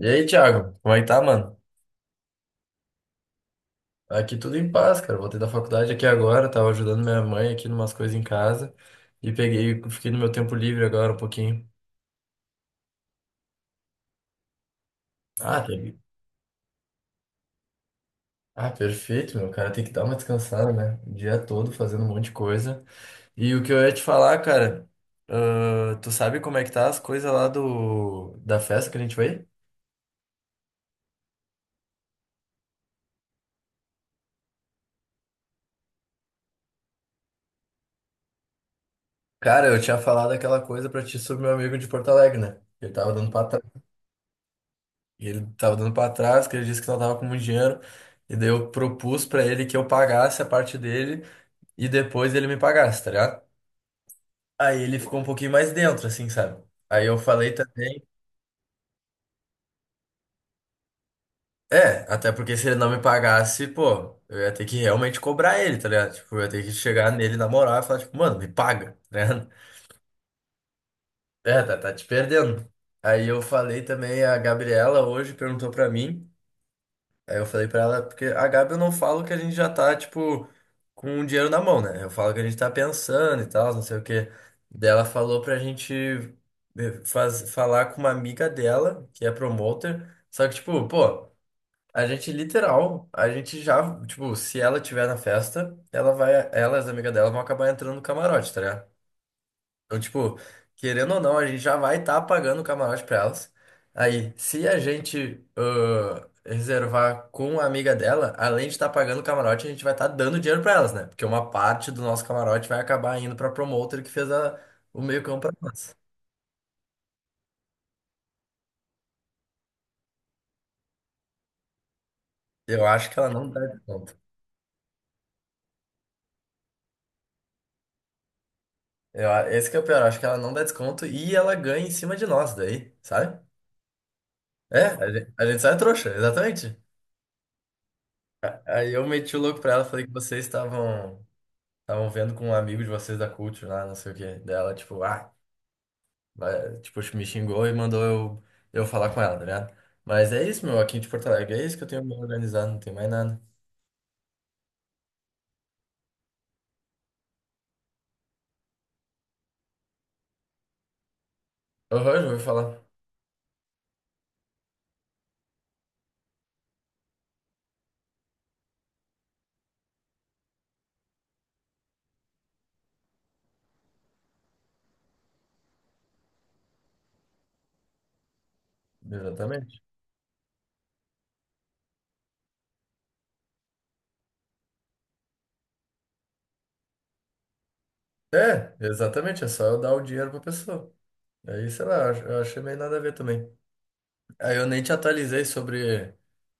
E aí, Thiago, como é que tá, mano? Aqui tudo em paz, cara. Voltei da faculdade aqui agora, tava ajudando minha mãe aqui numas coisas em casa e peguei, fiquei no meu tempo livre agora um pouquinho. Ah, tem- ah, perfeito, meu cara. Tem que dar uma descansada, né? O dia todo fazendo um monte de coisa. E o que eu ia te falar, cara, tu sabe como é que tá as coisas lá do da festa que a gente foi? Cara, eu tinha falado aquela coisa pra ti sobre meu amigo de Porto Alegre, né? Ele tava dando pra E ele tava dando pra trás, que ele disse que não tava com muito dinheiro. E daí eu propus pra ele que eu pagasse a parte dele e depois ele me pagasse, tá ligado? Aí ele ficou um pouquinho mais dentro, assim, sabe? Aí eu falei também. É, até porque se ele não me pagasse, pô, eu ia ter que realmente cobrar ele, tá ligado? Tipo, eu ia ter que chegar nele na moral e falar, tipo, mano, me paga, tá ligado? É, tá, tá te perdendo. Aí eu falei também, a Gabriela hoje perguntou pra mim. Aí eu falei pra ela, porque a Gabi eu não falo que a gente já tá, tipo, com o dinheiro na mão, né? Eu falo que a gente tá pensando e tal, não sei o quê. Daí ela falou pra gente falar com uma amiga dela, que é promoter. Só que, tipo, pô, a gente já, tipo, se ela tiver na festa, ela vai, ela e as amigas dela vão acabar entrando no camarote, tá ligado? Então, tipo, querendo ou não, a gente já vai estar pagando o camarote pra elas. Aí, se a gente reservar com a amiga dela, além de estar pagando o camarote, a gente vai estar dando dinheiro pra elas, né? Porque uma parte do nosso camarote vai acabar indo pra promotor que fez o meio-campo pra nós. Eu acho que ela não dá desconto. Esse que é o pior, eu acho que ela não dá desconto e ela ganha em cima de nós daí, sabe? É, a gente sai trouxa, exatamente. Aí eu meti o louco pra ela, falei que vocês estavam vendo com um amigo de vocês da Culture lá, não sei o quê. Dela, tipo, me xingou e mandou eu falar com ela, tá ligado? Mas é isso, meu, aqui de Porto Alegre. É isso que eu tenho me organizado, não tem mais nada. Aham, já ouvi falar. Exatamente. É, exatamente, é só eu dar o dinheiro pra pessoa. Aí, sei lá, eu achei meio nada a ver também. Aí eu nem te atualizei sobre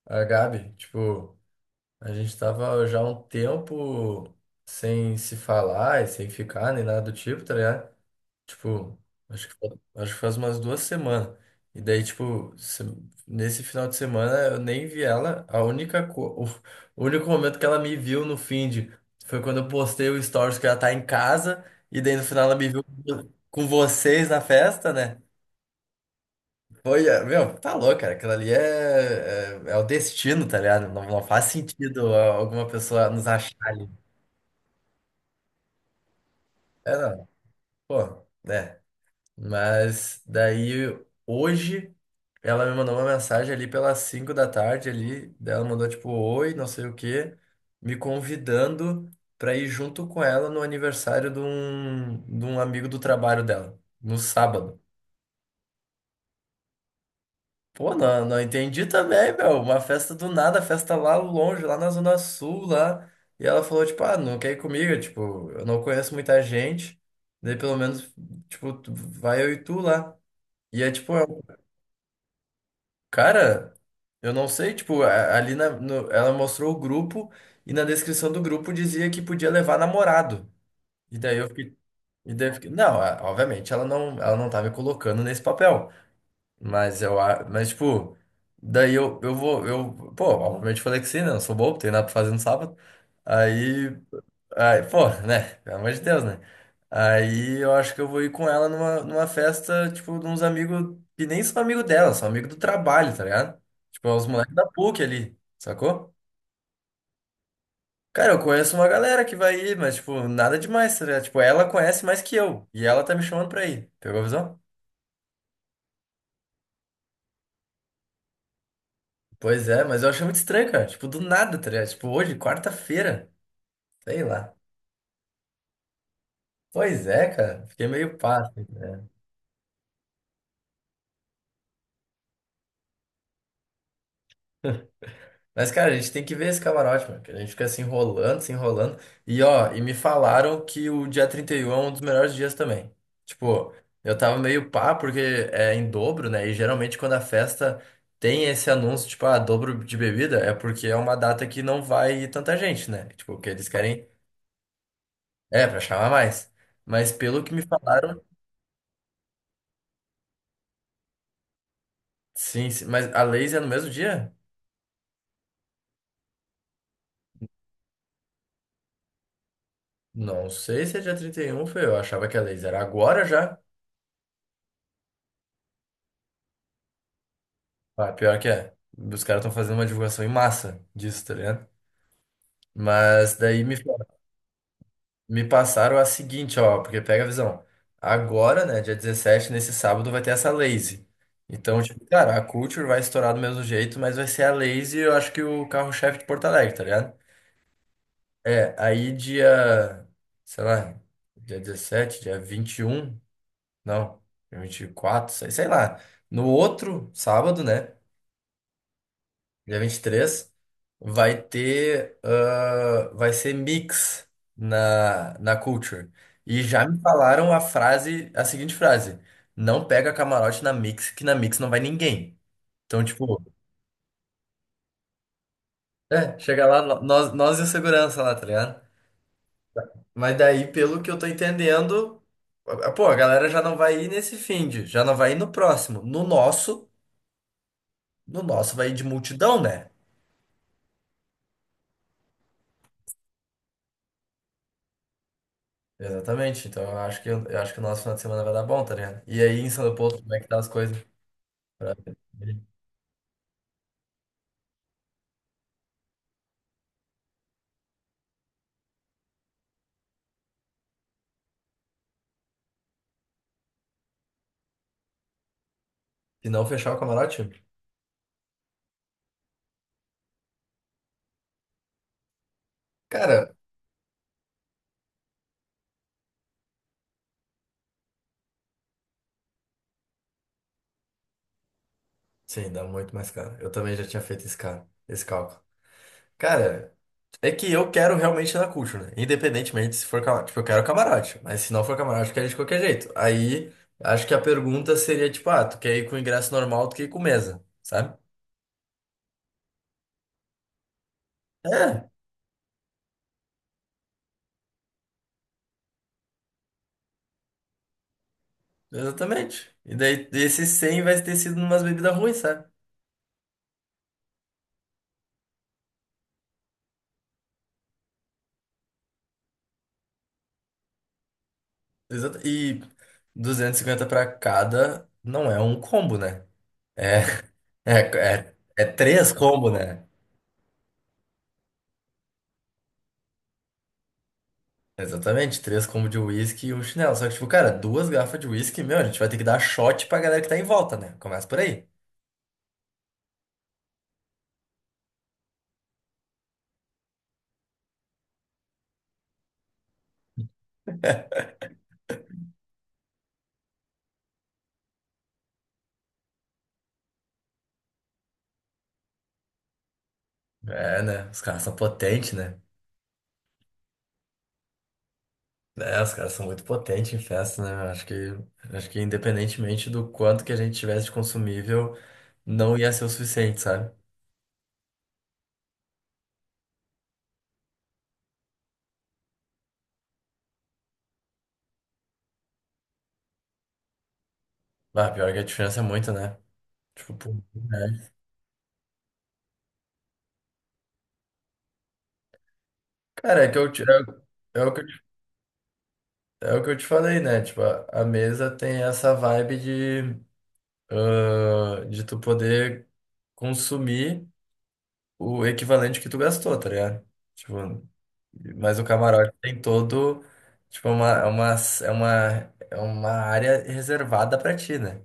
a Gabi. Tipo, a gente tava já há um tempo sem se falar e sem ficar, nem nada do tipo, tá ligado? Tipo, acho que, acho que faz umas 2 semanas. E daí, tipo, nesse final de semana eu nem vi ela. O único momento que ela me viu no feed foi quando eu postei o stories que ela tá em casa. E daí no final ela me viu com vocês na festa, né? Foi, meu, tá louco, cara. Aquilo ali é o destino, tá ligado? Não, não faz sentido alguma pessoa nos achar. É, não, pô, né? Mas daí hoje ela me mandou uma mensagem ali pelas 5 da tarde ali, daí ela mandou tipo oi, não sei o quê, me convidando pra ir junto com ela no aniversário de um amigo do trabalho dela, no sábado. Pô, não, não entendi também, meu, uma festa do nada, festa lá longe, lá na Zona Sul, lá. E ela falou, tipo, não quer ir comigo. Eu, tipo, eu não conheço muita gente, daí pelo menos, tipo, vai eu e tu lá. E é tipo, é Cara, eu não sei, tipo, a- ali na, no- ela mostrou o grupo e na descrição do grupo dizia que podia levar namorado. E daí eu fiquei, e daí eu fiquei, não, obviamente ela não, tá me colocando nesse papel, mas mas tipo, daí eu vou, pô, obviamente falei que sim, né? Não sou bobo, tenho nada pra fazer no sábado. Aí Aí, pô, né? Pelo amor de Deus, né? Aí eu acho que eu vou ir com ela numa festa, tipo, de uns amigos que nem são amigo dela, são amigo do trabalho, tá ligado? Tipo, é os moleques da PUC ali, sacou? Cara, eu conheço uma galera que vai ir, mas, tipo, nada demais, tá ligado? Tipo, ela conhece mais que eu, e ela tá me chamando pra ir. Pegou a visão? Pois é, mas eu achei muito estranho, cara. Tipo, do nada, tá ligado? Tipo, hoje, quarta-feira, sei lá. Pois é, cara. Fiquei meio pá assim. Mas, cara, a gente tem que ver esse camarote, mano, que a gente fica se enrolando, se enrolando. E, ó, me falaram que o dia 31 é um dos melhores dias também. Tipo, eu tava meio pá, porque é em dobro, né? E geralmente quando a festa tem esse anúncio, tipo, dobro de bebida, é porque é uma data que não vai tanta gente, né? Tipo, que eles querem. É, pra chamar mais. Mas pelo que me falaram, sim, sim. Mas a Lays é no mesmo dia? Não sei se é dia 31 foi. Eu achava que a Lays era agora já. Ah, pior que é. Os caras estão fazendo uma divulgação em massa disso, tá ligado? Mas daí me passaram a seguinte, ó, porque pega a visão. Agora, né, dia 17 nesse sábado, vai ter essa Lazy. Então, tipo, cara, a Culture vai estourar do mesmo jeito, mas vai ser a Lazy, eu acho que o carro-chefe de Porto Alegre, tá ligado? É, aí dia, sei lá, dia 17 dia 21 não, dia 24, sei lá. No outro sábado, né? dia 23 vai ser mix na Culture. E já me falaram a frase, a seguinte frase: não pega camarote na mix, que na mix não vai ninguém. Então, tipo, é, chega lá, nós e o segurança lá, tá ligado? Mas daí, pelo que eu tô entendendo, pô, a galera já não vai ir nesse finde, já não vai ir no próximo. No nosso, vai ir de multidão, né? Exatamente. Então eu acho que o nosso final de semana vai dar bom, tá ligado? E aí em São Leopoldo, como é que tá as coisas? Pra se não fechar o camarote? Cara, sim, dá muito mais caro. Eu também já tinha feito esse cara, esse cálculo. Cara, é que eu quero realmente ir na Cult, né? Independentemente se for camarote. Tipo, eu quero camarote, mas se não for camarote, eu quero ir de qualquer jeito. Aí acho que a pergunta seria tipo, tu quer ir com ingresso normal, tu quer ir com mesa, sabe? É, exatamente. E daí esses 100 vai ter sido umas bebidas ruins, sabe? Exato. E 250 pra cada não é um combo, né? É, é, é três combo, né? Exatamente, três combo de uísque e um chinelo. Só que, tipo, cara, duas garrafas de uísque, meu, a gente vai ter que dar shot pra galera que tá em volta, né? Começa por aí. É, né? Os caras são potentes, né? É, os caras são muito potentes em festa, né? Eu acho que independentemente do quanto que a gente tivesse de consumível, não ia ser o suficiente, sabe? Ah, pior que a diferença é muito, né? Tipo, pô, é. Cara, é que é, é o que eu É o que eu te falei, né? Tipo, a mesa tem essa vibe de tu poder consumir o equivalente que tu gastou, tá ligado? Tipo, mas o camarote tem todo, tipo, é uma área reservada pra ti, né?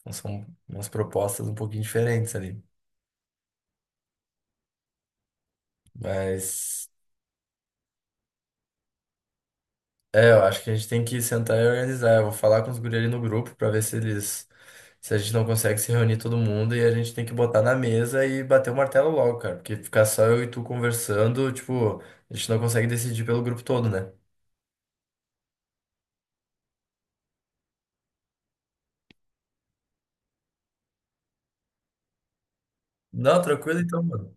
Então são umas propostas um pouquinho diferentes ali. Mas É, eu acho que a gente tem que sentar e organizar. Eu vou falar com os guri ali no grupo pra ver se eles. Se a gente não consegue se reunir todo mundo e a gente tem que botar na mesa e bater o martelo logo, cara. Porque ficar só eu e tu conversando, tipo, a gente não consegue decidir pelo grupo todo, né? Não, tranquilo então, mano.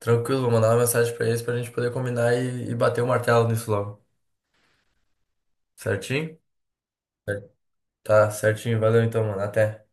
Tranquilo, vou mandar uma mensagem pra eles pra gente poder combinar e bater o martelo nisso logo. Certinho? Tá, certinho. Valeu então, mano. Até.